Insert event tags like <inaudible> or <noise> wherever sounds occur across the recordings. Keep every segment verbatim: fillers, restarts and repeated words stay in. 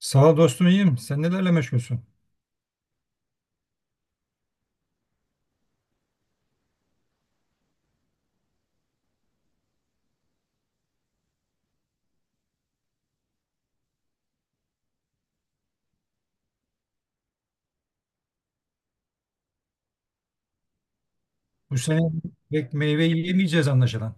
Sağ ol dostum, iyiyim. Sen nelerle meşgulsün? Bu sene pek meyve yiyemeyeceğiz anlaşılan.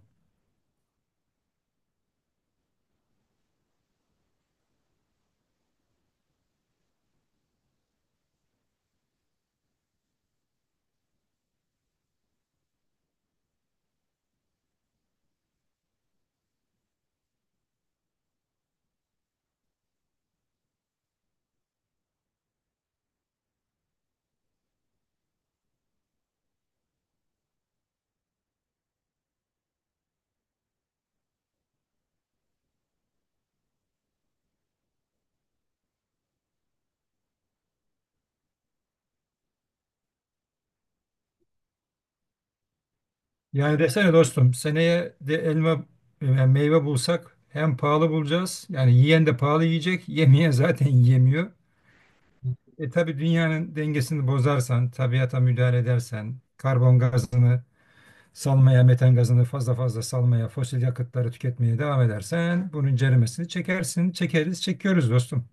Yani desene dostum, seneye de elma yani meyve bulsak hem pahalı bulacağız. Yani yiyen de pahalı yiyecek. Yemeyen zaten <laughs> yiyemiyor. E tabii dünyanın dengesini bozarsan, tabiata müdahale edersen, karbon gazını salmaya, metan gazını fazla fazla salmaya, fosil yakıtları tüketmeye devam edersen bunun ceremesini çekersin. Çekeriz, çekiyoruz dostum.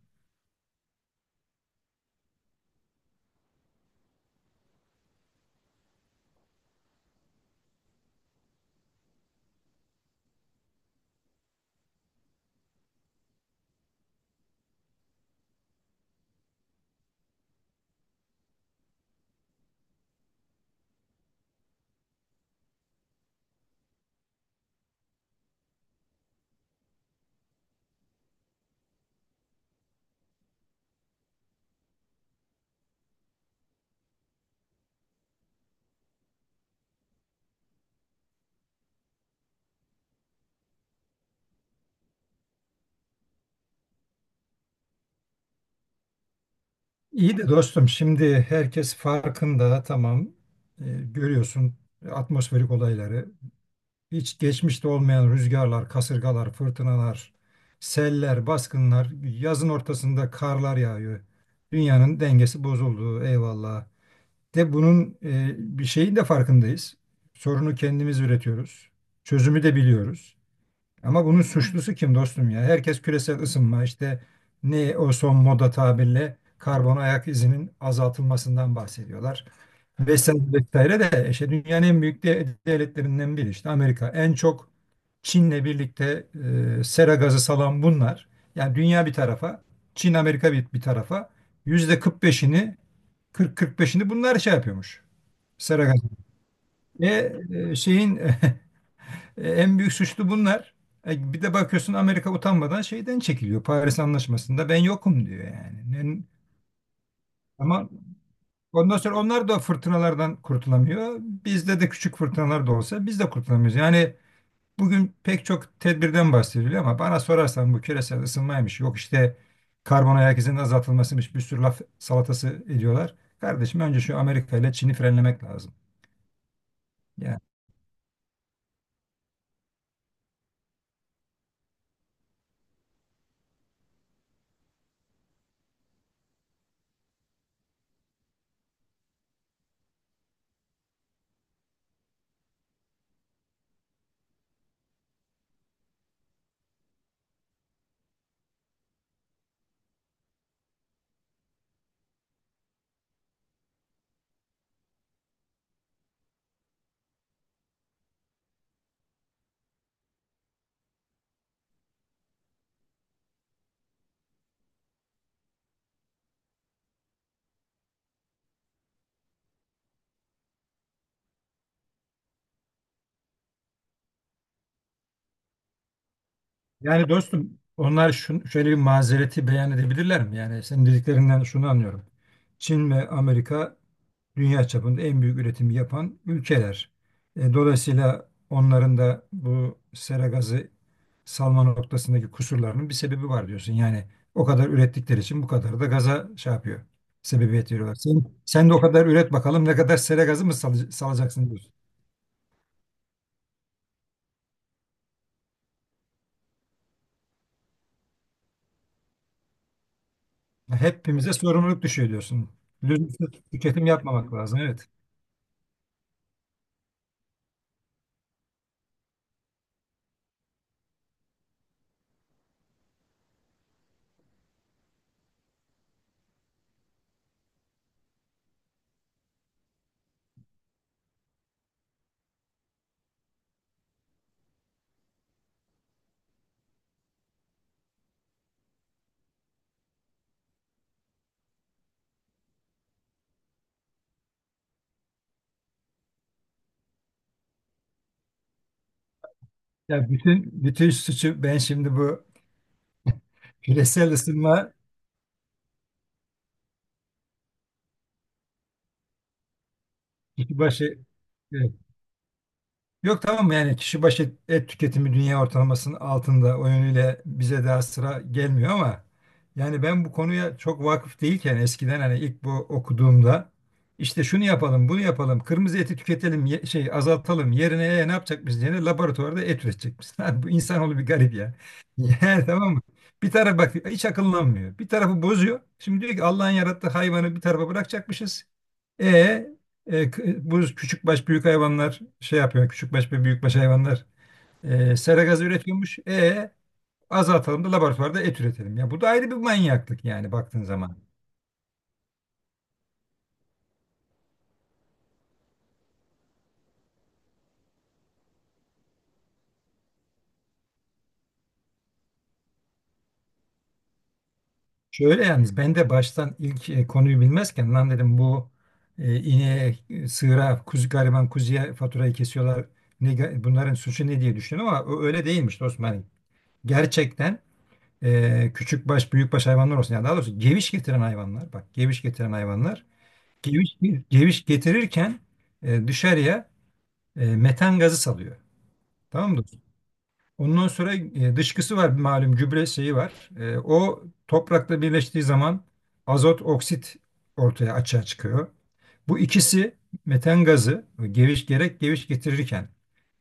İyi de dostum, şimdi herkes farkında, tamam. Ee, Görüyorsun atmosferik olayları, hiç geçmişte olmayan rüzgarlar, kasırgalar, fırtınalar, seller, baskınlar, yazın ortasında karlar yağıyor. Dünyanın dengesi bozuldu, eyvallah. De bunun e, bir şeyin de farkındayız. Sorunu kendimiz üretiyoruz. Çözümü de biliyoruz. Ama bunun suçlusu kim dostum ya? Herkes küresel ısınma, işte ne o son moda tabirle karbon ayak izinin azaltılmasından bahsediyorlar. Vesaire vesaire, de işte dünyanın en büyük de- devletlerinden biri işte Amerika. En çok Çin'le birlikte e, sera gazı salan bunlar. Yani dünya bir tarafa, Çin Amerika bir, bir tarafa, yüzde kırk beşini, kırk kırk beşini bunlar şey yapıyormuş. Sera gazı. E, e, şeyin <laughs> E, en büyük suçlu bunlar. E, bir de bakıyorsun, Amerika utanmadan şeyden çekiliyor. Paris Anlaşması'nda ben yokum diyor yani. Ne- Ama ondan sonra onlar da fırtınalardan kurtulamıyor. Bizde de küçük fırtınalar da olsa biz de kurtulamıyoruz. Yani bugün pek çok tedbirden bahsediliyor ama bana sorarsan bu küresel ısınmaymış. Yok, işte karbon ayak izinin azaltılmasıymış. Bir sürü laf salatası ediyorlar. Kardeşim, önce şu Amerika ile Çin'i frenlemek lazım. Yani Yani dostum onlar şun, şöyle bir mazereti beyan edebilirler mi? Yani senin dediklerinden şunu anlıyorum. Çin ve Amerika dünya çapında en büyük üretimi yapan ülkeler. E, dolayısıyla onların da bu sera gazı salma noktasındaki kusurlarının bir sebebi var diyorsun. Yani o kadar ürettikleri için bu kadar da gaza şey yapıyor. Sebebiyet veriyorlar. Sen, sen de o kadar üret bakalım, ne kadar sera gazı mı salı- salacaksın diyorsun. Hepimize sorumluluk düşüyor diyorsun. Lüzumsuz tüketim yapmamak lazım. Evet. Ya bütün bütün suçu ben şimdi bu küresel ısınma kişi başı e, yok tamam, yani kişi başı et tüketimi dünya ortalamasının altında, o yönüyle bize daha sıra gelmiyor ama yani ben bu konuya çok vakıf değilken eskiden, hani ilk bu okuduğumda işte şunu yapalım bunu yapalım, kırmızı eti tüketelim ye- şey azaltalım yerine, e, ne yapacak, biz yerine laboratuvarda et üretecekmişiz. <laughs> Abi bu insanoğlu bir garip ya. <laughs> Yani tamam mı? Bir taraf bak, hiç akıllanmıyor. Bir tarafı bozuyor. Şimdi diyor ki Allah'ın yarattığı hayvanı bir tarafa bırakacakmışız. E e, k- bu küçük baş büyük hayvanlar şey yapıyor. Küçük baş ve büyük baş hayvanlar e, sera gazı üretiyormuş. E azaltalım da laboratuvarda et üretelim. Ya bu da ayrı bir manyaklık yani, baktığın zaman. Şöyle yalnız, ben de baştan ilk e, konuyu bilmezken lan dedim bu e, ineğe, e, sığıra, kuzu, gariban kuzuya faturayı kesiyorlar. Ne, ga- bunların suçu ne diye düşündüm ama o öyle değilmiş dostum. Hani gerçekten e, küçük baş büyük baş hayvanlar olsun. Yani daha doğrusu geviş getiren hayvanlar. Bak, geviş getiren hayvanlar Geviş, geviş getirirken e, dışarıya e, metan gazı salıyor. Tamam mı dostum? Ondan sonra e, dışkısı var, malum gübre şeyi var. E, o toprakla birleştiği zaman azot oksit ortaya açığa çıkıyor. Bu ikisi, metan gazı, geviş gerek geviş getirirken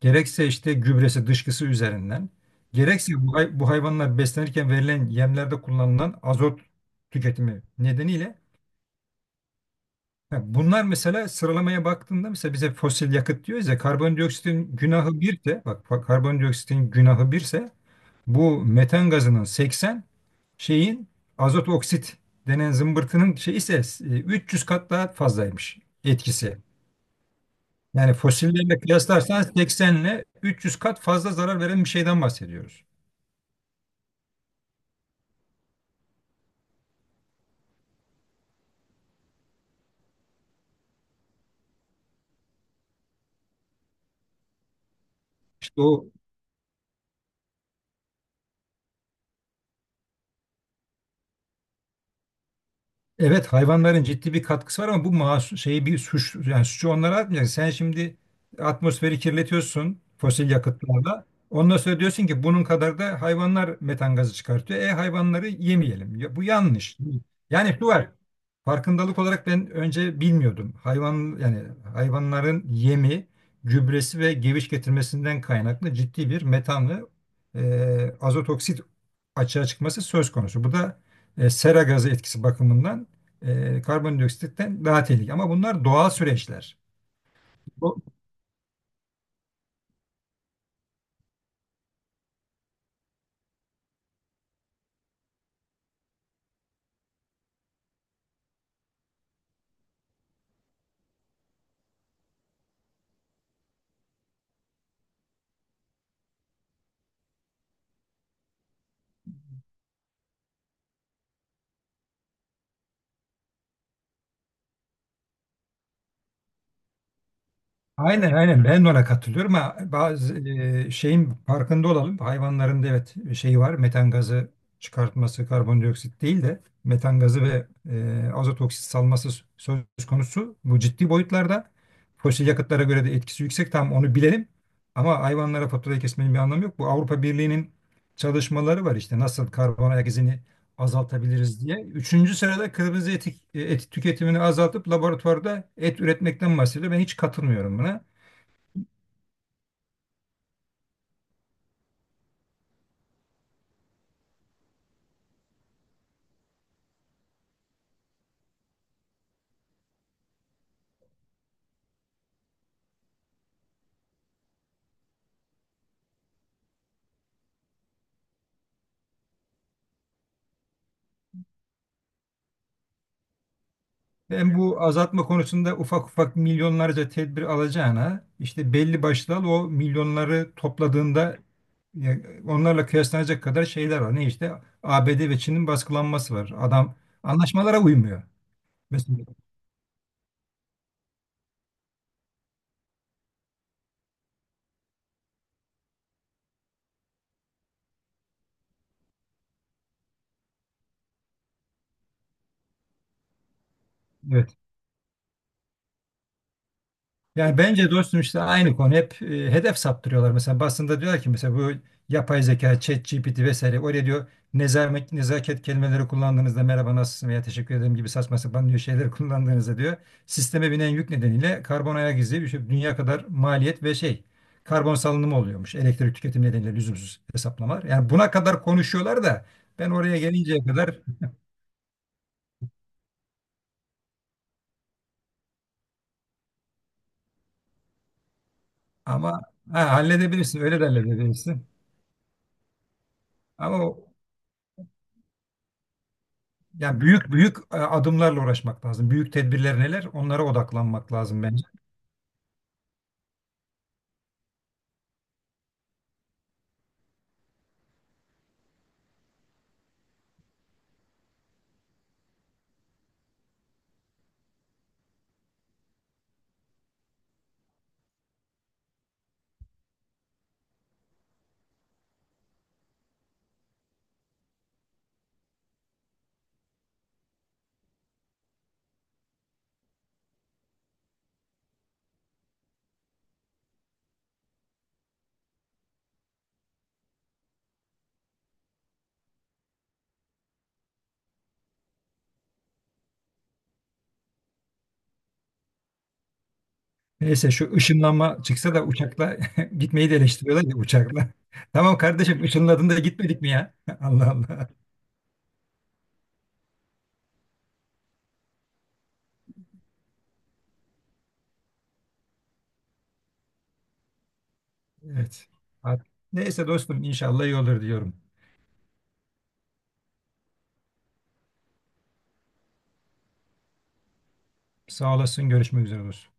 gerekse işte gübresi, dışkısı üzerinden gerekse bu, hay- bu hayvanlar beslenirken verilen yemlerde kullanılan azot tüketimi nedeniyle. Ha, bunlar mesela sıralamaya baktığında, mesela bize fosil yakıt diyoruz ya, karbondioksitin günahı birse, bak fa- karbondioksitin günahı birse bu metan gazının seksen, şeyin azot oksit denen zımbırtının şey ise e, üç yüz kat daha fazlaymış etkisi. Yani fosillerle kıyaslarsan seksen ile üç yüz kat fazla zarar veren bir şeyden bahsediyoruz. İşte o, evet, hayvanların ciddi bir katkısı var ama bu masu şeyi bir suç, yani suçu onlara atmayacaksın. Sen şimdi atmosferi kirletiyorsun fosil yakıtlarla. Ondan sonra diyorsun ki bunun kadar da hayvanlar metan gazı çıkartıyor. E hayvanları yemeyelim. Ya, bu yanlış. Yani şu var. Farkındalık olarak ben önce bilmiyordum. Hayvan yani hayvanların yemi, gübresi ve geviş getirmesinden kaynaklı ciddi bir metan ve e, azot oksit açığa çıkması söz konusu. Bu da e, sera gazı etkisi bakımından e, karbondioksitten daha tehlikeli. Ama bunlar doğal süreçler. Bu- Aynen aynen, ben de ona katılıyorum ama bazı e, şeyin farkında olalım. Hayvanların da evet şeyi var, metan gazı çıkartması, karbondioksit değil de metan gazı ve e, azot oksit salması söz konusu. Bu ciddi boyutlarda fosil yakıtlara göre de etkisi yüksek, tam onu bilelim. Ama hayvanlara faturayı kesmenin bir anlamı yok. Bu Avrupa Birliği'nin çalışmaları var işte, nasıl karbon ayak izini azaltabiliriz diye. Üçüncü sırada kırmızı etik, et tüketimini azaltıp laboratuvarda et üretmekten bahsediyor. Ben hiç katılmıyorum buna. Ben bu azaltma konusunda ufak ufak milyonlarca tedbir alacağına, işte belli başlı al, o milyonları topladığında ya, onlarla kıyaslanacak kadar şeyler var. Ne işte, A B D ve Çin'in baskılanması var. Adam anlaşmalara uymuyor. Mesela, evet. Yani bence dostum işte aynı konu, hep e, hedef saptırıyorlar. Mesela basında diyorlar ki, mesela bu yapay zeka, ChatGPT vesaire oraya diyor, nezaket, nezaket kelimeleri kullandığınızda, merhaba nasılsın veya teşekkür ederim gibi saçma sapan diyor şeyleri <laughs> kullandığınızda diyor sisteme binen yük nedeniyle karbon ayak izi bir şey, dünya kadar maliyet ve şey, karbon salınımı oluyormuş, elektrik tüketimi nedeniyle lüzumsuz hesaplamalar. Yani buna kadar konuşuyorlar da ben oraya gelinceye kadar, ama ha, halledebilirsin, öyle de halledebilirsin ama yani büyük büyük e, adımlarla uğraşmak lazım. Büyük tedbirler neler? Onlara odaklanmak lazım bence. Neyse, şu ışınlanma çıksa da uçakla <laughs> gitmeyi de eleştiriyorlar ya uçakla. <laughs> Tamam kardeşim, ışınladın da gitmedik mi ya? <laughs> Allah Allah. Evet. Neyse dostum, inşallah iyi olur diyorum. Sağ olasın, görüşmek üzere dostum.